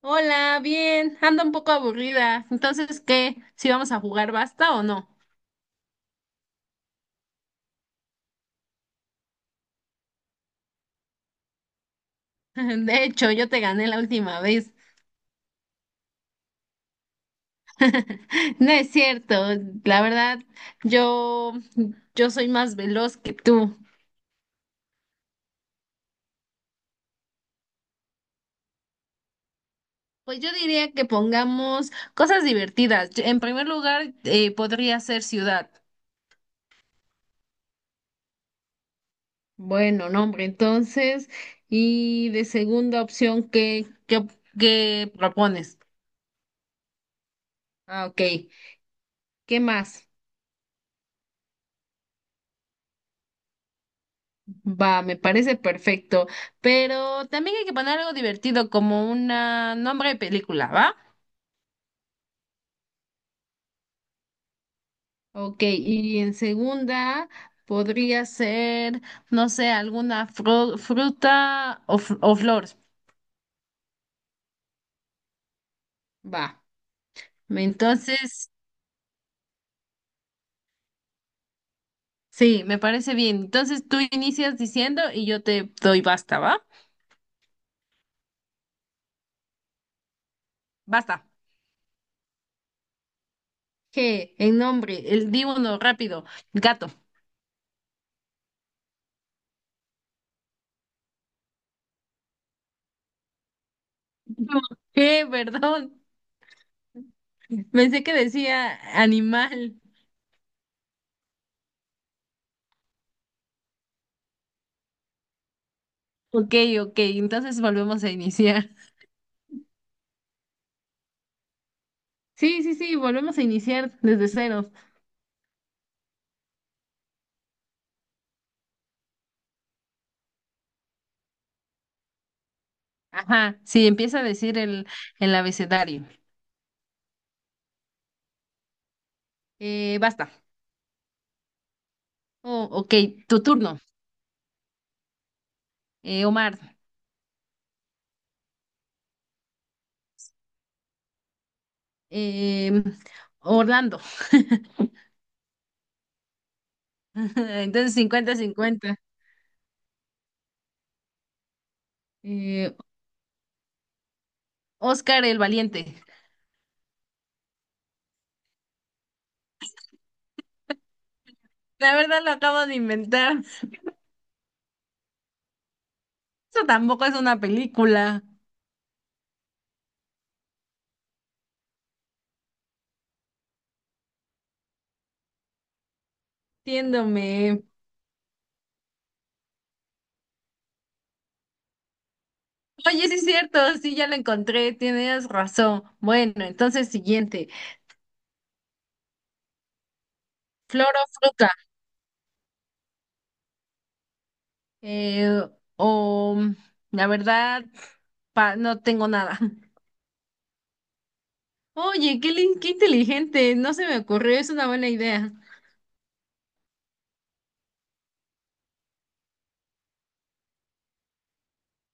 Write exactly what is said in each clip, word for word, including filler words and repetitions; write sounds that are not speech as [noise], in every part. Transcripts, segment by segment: Hola, bien, ando un poco aburrida. Entonces, ¿qué? ¿Si vamos a jugar basta o no? [laughs] De hecho, yo te gané la última vez. [laughs] No es cierto, la verdad, yo, yo soy más veloz que tú. Pues yo diría que pongamos cosas divertidas. En primer lugar, eh, podría ser ciudad. Bueno, nombre, entonces, y de segunda opción, ¿qué, qué, qué propones? Ah, ok. ¿Qué más? Va, me parece perfecto, pero también hay que poner algo divertido como un nombre de película, ¿va? Ok, y en segunda podría ser, no sé, alguna fru- fruta o, f- o flor. Va, entonces, sí, me parece bien. Entonces tú inicias diciendo y yo te doy basta, ¿va? Basta. G, en nombre, el di uno, rápido, gato. [laughs] G, perdón, pensé que decía animal. Ok, ok, entonces volvemos a iniciar. Sí, sí, sí, volvemos a iniciar desde cero. Ajá, sí, empieza a decir el, el abecedario. Eh, basta. Oh, ok, tu turno. Eh, Omar. Eh, Orlando. [laughs] Entonces cincuenta-cincuenta. Eh, Oscar el Valiente. La verdad lo acabo de inventar. Eso tampoco es una película. Entiéndome. Oye, sí es cierto, sí, ya lo encontré, tienes razón. Bueno, entonces siguiente. Flor o fruta. Eh, o la verdad, pa- no tengo nada. [laughs] Oye, qué, lin- qué inteligente. No se me ocurrió. Es una buena idea.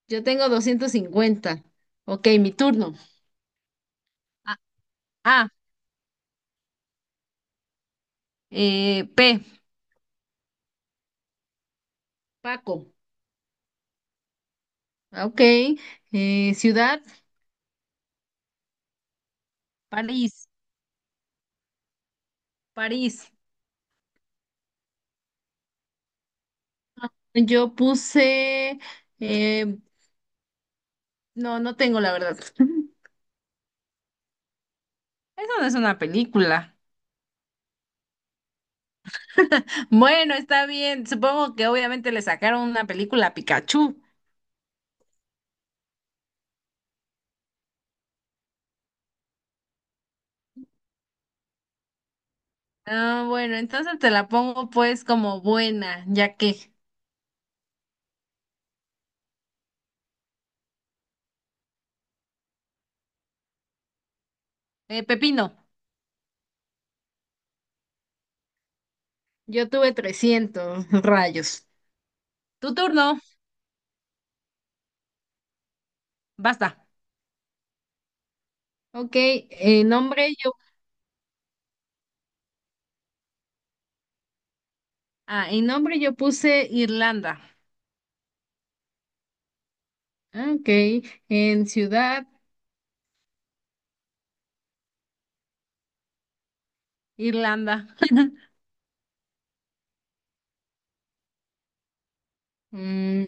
Yo tengo doscientos cincuenta. Ok, mi turno. A, A, eh, P. Paco. Ah, ok. Eh, ciudad. París. París. Yo puse... eh, no, no tengo la verdad. [laughs] Eso no es una película. [laughs] Bueno, está bien. Supongo que obviamente le sacaron una película a Pikachu. Ah, bueno, entonces te la pongo pues como buena, ya que. Eh, Pepino, yo tuve trescientos rayos. Tu turno, basta. Ok, en nombre yo, ah, en nombre yo puse Irlanda. Ok, en ciudad, Irlanda. [laughs] Mm,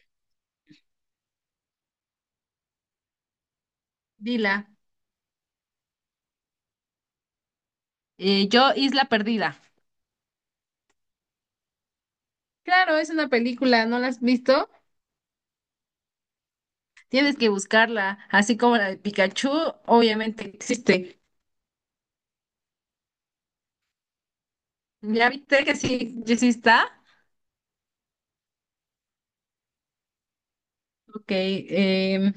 Dila. Eh, yo, Isla Perdida. Claro, es una película, ¿no la has visto? Tienes que buscarla, así como la de Pikachu, obviamente existe. ¿Ya viste que sí, ya sí está? Ok, em,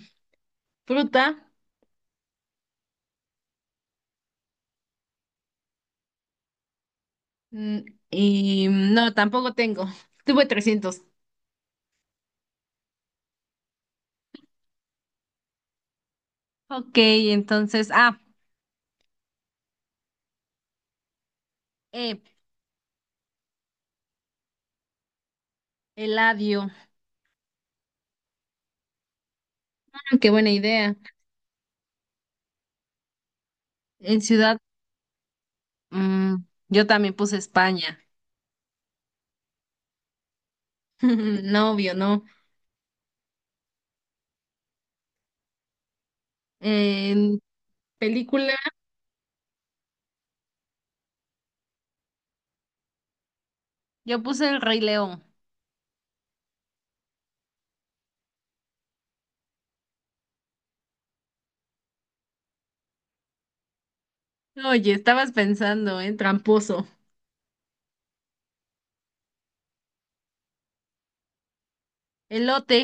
fruta. mm, Y mm, no, tampoco tengo. Tuve trescientos. Ok, entonces, ah, eh, Eladio. Ah, Qué buena idea. En ciudad, mm, yo también puse España. [laughs] No, obvio, no. En película, yo puse El Rey León. Oye, estabas pensando, ¿eh? Tramposo. Elote.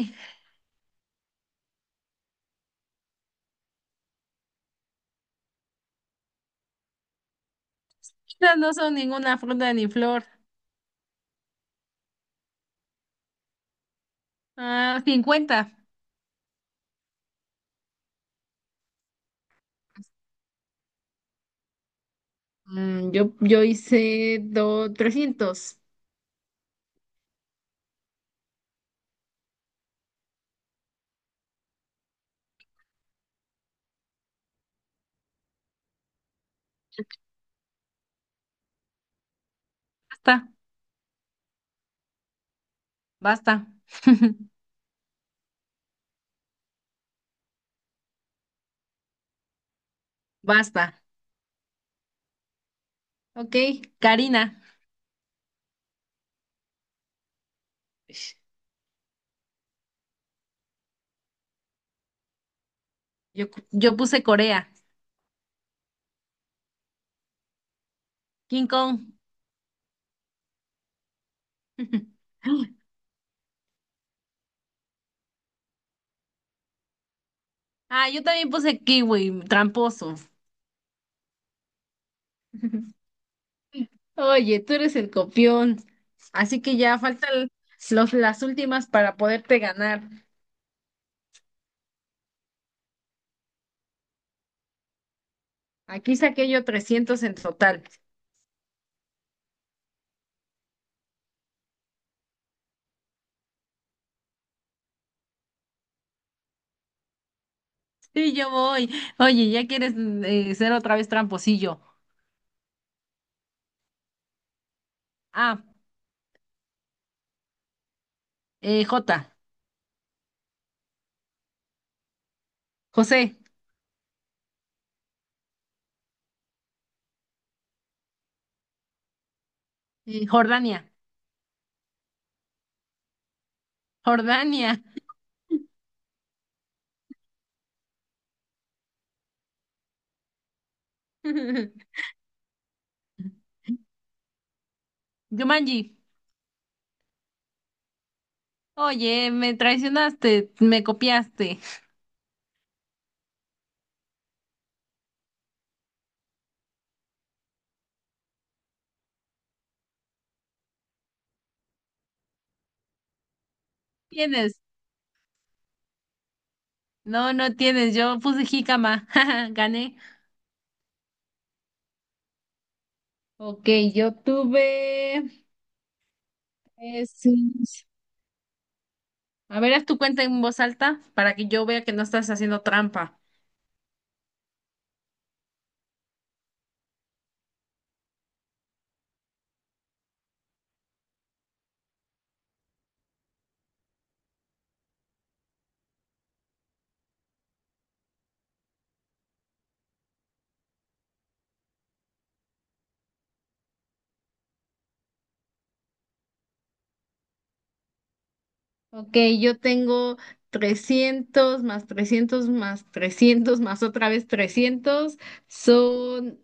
Estas no son ninguna fruta ni flor. Ah, cincuenta. Mm, yo, yo hice do, trescientos. Basta, basta. [laughs] Basta. Ok, Karina. Ish, Yo, yo puse Corea. King Kong. [laughs] Ah, yo también puse kiwi, tramposo. [laughs] Oye, tú eres el copión. Así que ya faltan los, las últimas para poderte ganar. Aquí saqué yo trescientos en total. Sí, yo voy. Oye, ya quieres eh, ser otra vez tramposillo. Ah, eh, J, José, eh, Jordania, Jordania. [laughs] Yumanji, oye, me traicionaste, me copiaste. ¿Tienes? No, no tienes, yo puse jícama, [laughs] gané. Ok, yo tuve... eh, sí. A ver, haz tu cuenta en voz alta para que yo vea que no estás haciendo trampa. Ok, yo tengo trescientos más trescientos más trescientos más otra vez trescientos son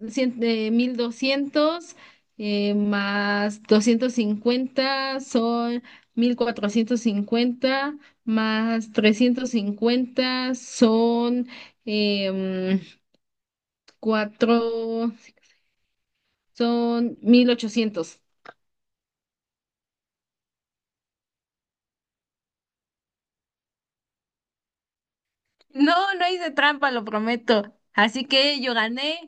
cien- eh, mil doscientos eh, más doscientos cincuenta son mil cuatrocientos cincuenta más trescientos cincuenta son em, cuatro, son mil ochocientos. No, no hice trampa, lo prometo. Así que yo gané.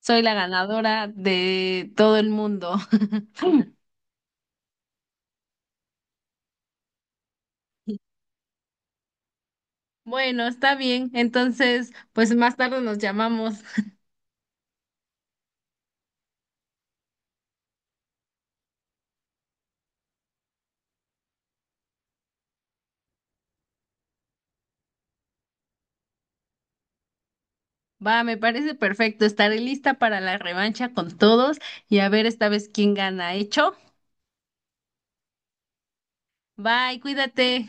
Soy la ganadora de todo el mundo. [laughs] Bueno, está bien. Entonces, pues más tarde nos llamamos. Va, me parece perfecto. Estaré lista para la revancha con todos y a ver esta vez quién gana. ¿Hecho? Bye, cuídate.